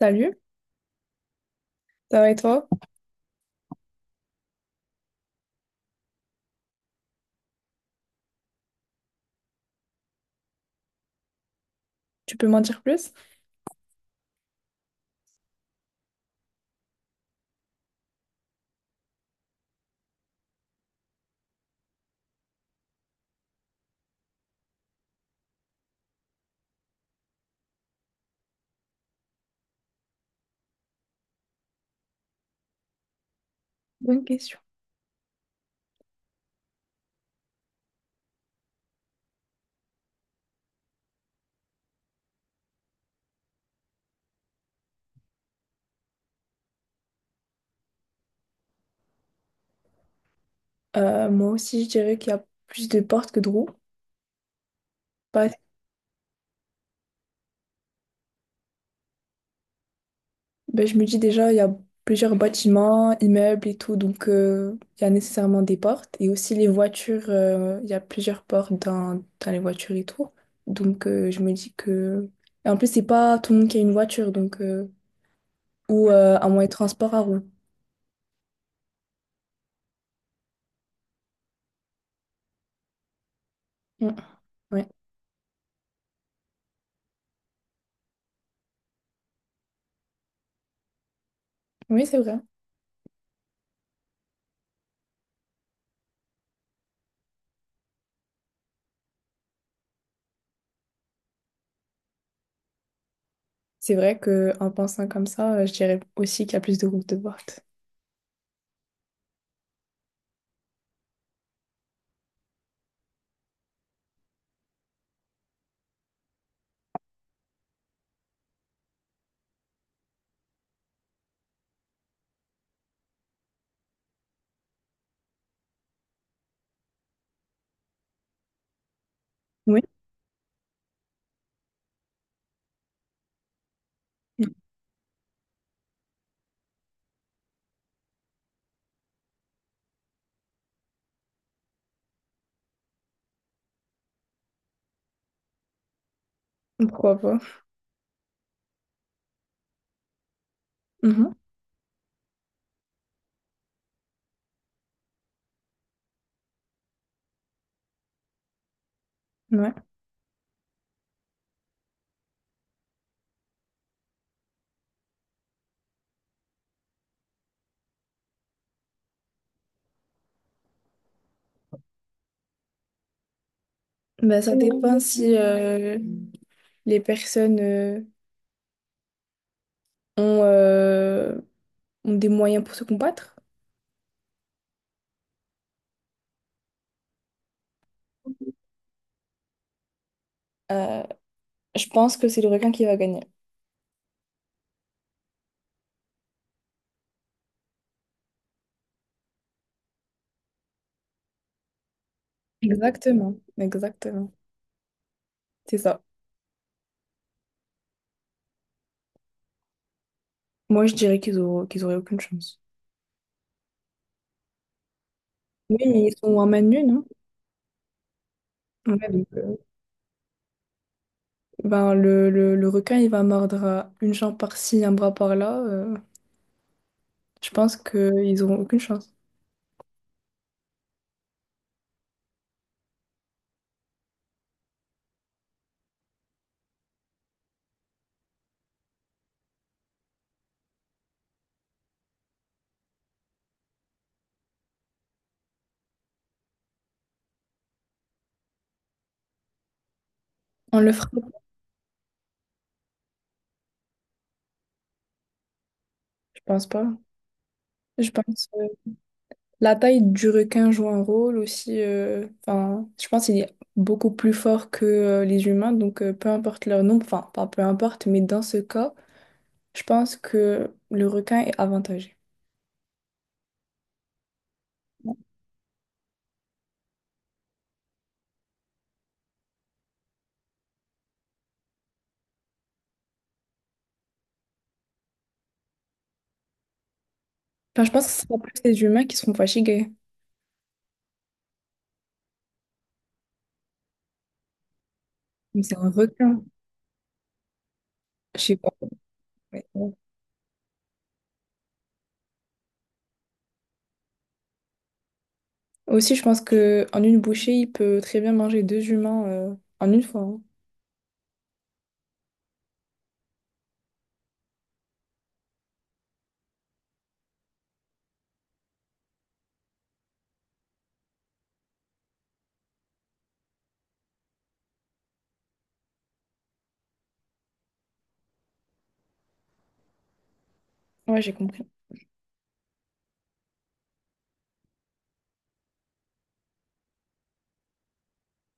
Salut, ça va et toi? Tu peux m'en dire plus? Bonne question. Moi aussi, je dirais qu'il y a plus de portes que de roues. Parce- ben, je me dis déjà, il y a plusieurs bâtiments, immeubles et tout, donc il y a nécessairement des portes. Et aussi les voitures, il y a plusieurs portes dans les voitures et tout. Donc je me dis que. Et en plus, c'est pas tout le monde qui a une voiture, donc, ou un moyen de transport à roues. Mm, ouais. Oui, c'est vrai. C'est vrai qu'en pensant comme ça, je dirais aussi qu'il y a plus de roues que de portes. Oui. Pourquoi pas? Mhm, ouais. Ben, ça dépend si les personnes ont, euh, ont des moyens pour se combattre. Euh, je pense que c'est le requin qui va gagner. Exactement, exactement. C'est ça. Moi, je dirais qu'ils auront, qu'ils auraient aucune chance. Oui, mais ils sont en man nue, non? Ouais, donc, ben, le requin, il va mordre à une jambe par-ci, un bras par-là. Je pense qu'ils auront aucune chance. On le frappe, je pense pas. Je pense. La taille du requin joue un rôle aussi. Enfin, je pense qu'il est beaucoup plus fort que les humains, donc peu importe leur nombre, enfin, pas peu importe, mais dans ce cas, je pense que le requin est avantagé. Enfin, je pense que ce sera plus les humains qui seront fatigués. Mais c'est un requin. Je sais pas. Ouais. Aussi, je pense que en une bouchée, il peut très bien manger deux humains, en une fois. Hein. Ouais, j'ai compris.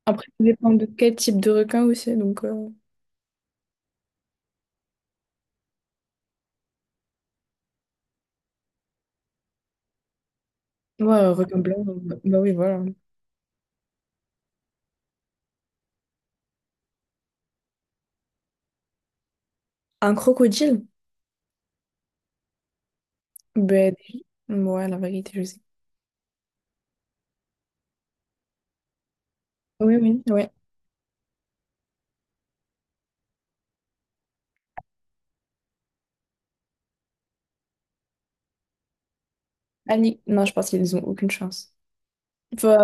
Après, ça dépend de quel type de requin aussi. Donc, ouais, requin blanc. Bah oui, voilà. Un crocodile? Ben, ouais, la vérité, je sais. Oui, oui, oui. Non, je pense qu'ils ont aucune chance. Il faut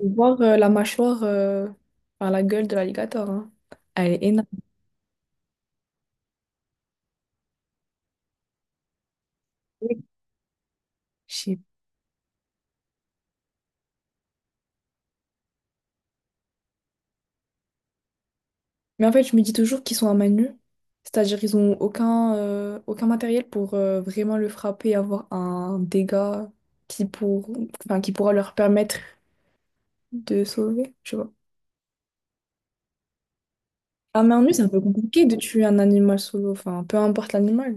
voir la mâchoire, enfin, la gueule de l'alligator. Hein. Elle est énorme. Je sais. Mais en fait, je me dis toujours qu'ils sont à main nue. C'est-à-dire qu'ils ont aucun matériel pour vraiment le frapper et avoir un dégât qui, enfin, qui pourra leur permettre de sauver. Je sais pas. À main nue, c'est un peu compliqué de tuer un animal solo. Enfin, peu importe l'animal.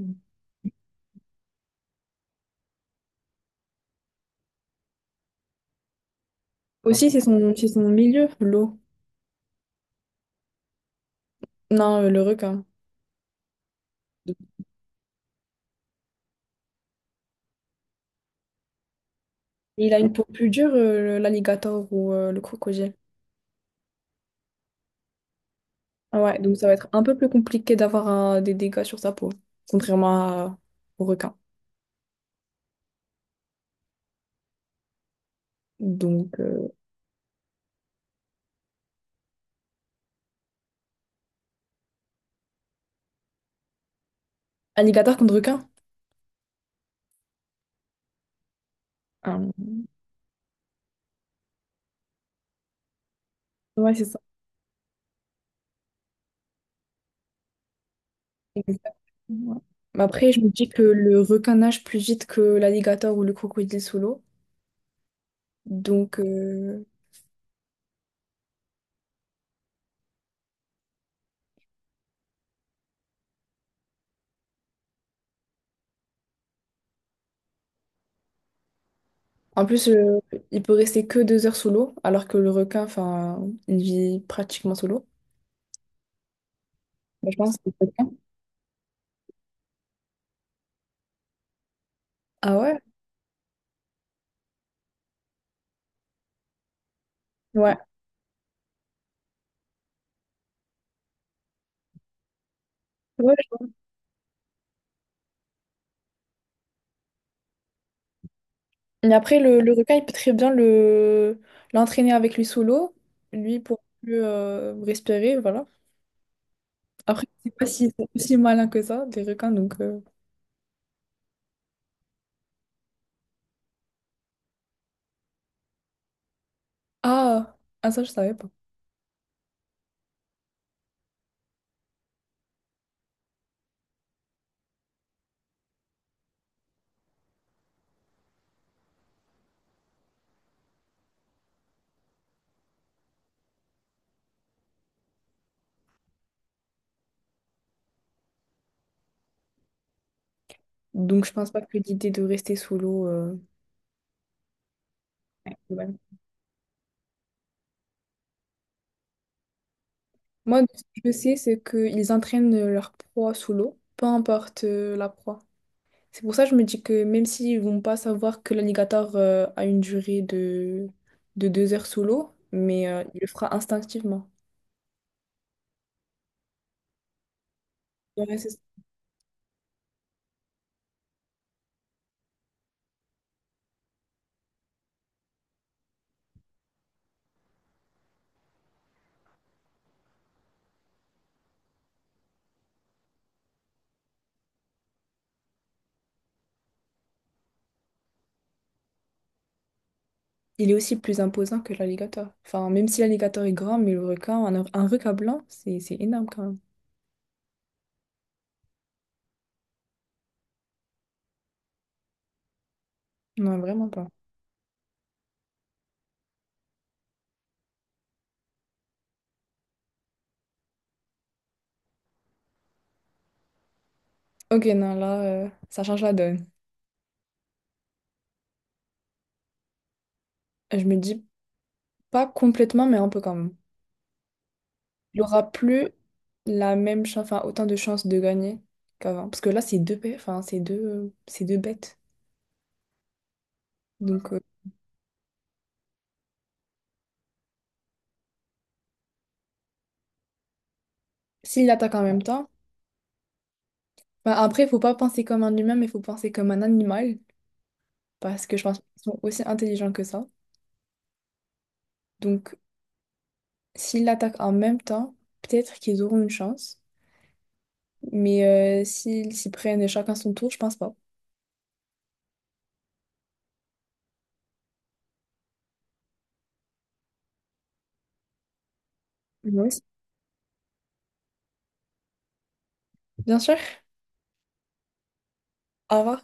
Aussi, c'est son milieu, l'eau. Non, le requin. Il a une peau plus dure, l'alligator ou le crocodile. Ah ouais, donc ça va être un peu plus compliqué d'avoir des dégâts sur sa peau, contrairement au requin. Donc, alligator contre requin? Ah, ouais, c'est ça. Exact. Ouais. Mais après, je me dis que le requin nage plus vite que l'alligator ou le crocodile sous l'eau. Donc, en plus, il peut rester que 2 heures sous l'eau, alors que le requin, enfin, il vit pratiquement sous l'eau. Bah, je pense que c'est le requin. Ah ouais? Ouais. Ouais, mais après, le requin, il peut très bien le l'entraîner avec lui sous l'eau, lui pour mieux respirer, voilà. Après, je sais pas s'ils sont aussi malins que ça, des requins, donc. Ah, ah, ça, je savais pas. Donc, je pense pas que l'idée de rester sous l'eau. Ouais. Moi, ce que je sais, c'est qu'ils entraînent leur proie sous l'eau, peu importe la proie. C'est pour ça que je me dis que même s'ils vont pas savoir que l'alligator a une durée de 2 heures sous l'eau, mais il le fera instinctivement. Ouais, c'est Il est aussi plus imposant que l'alligator. Enfin, même si l'alligator est grand, mais le requin, un requin blanc, c'est énorme quand même. Non, vraiment pas. Ok, non, là, ça change la donne. Je me dis pas complètement, mais un peu quand même. Il aura plus la même chance, enfin, autant de chances de gagner qu'avant. Parce que là, c'est deux, enfin, c'est deux bêtes. Donc, s'il attaque en même temps, bah, après, il faut pas penser comme un humain, mais il faut penser comme un animal. Parce que je pense qu'ils sont aussi intelligents que ça. Donc, s'ils l'attaquent en même temps, peut-être qu'ils auront une chance. Mais s'ils s'y prennent chacun son tour, je pense pas. Moi aussi. Bien sûr. Au revoir.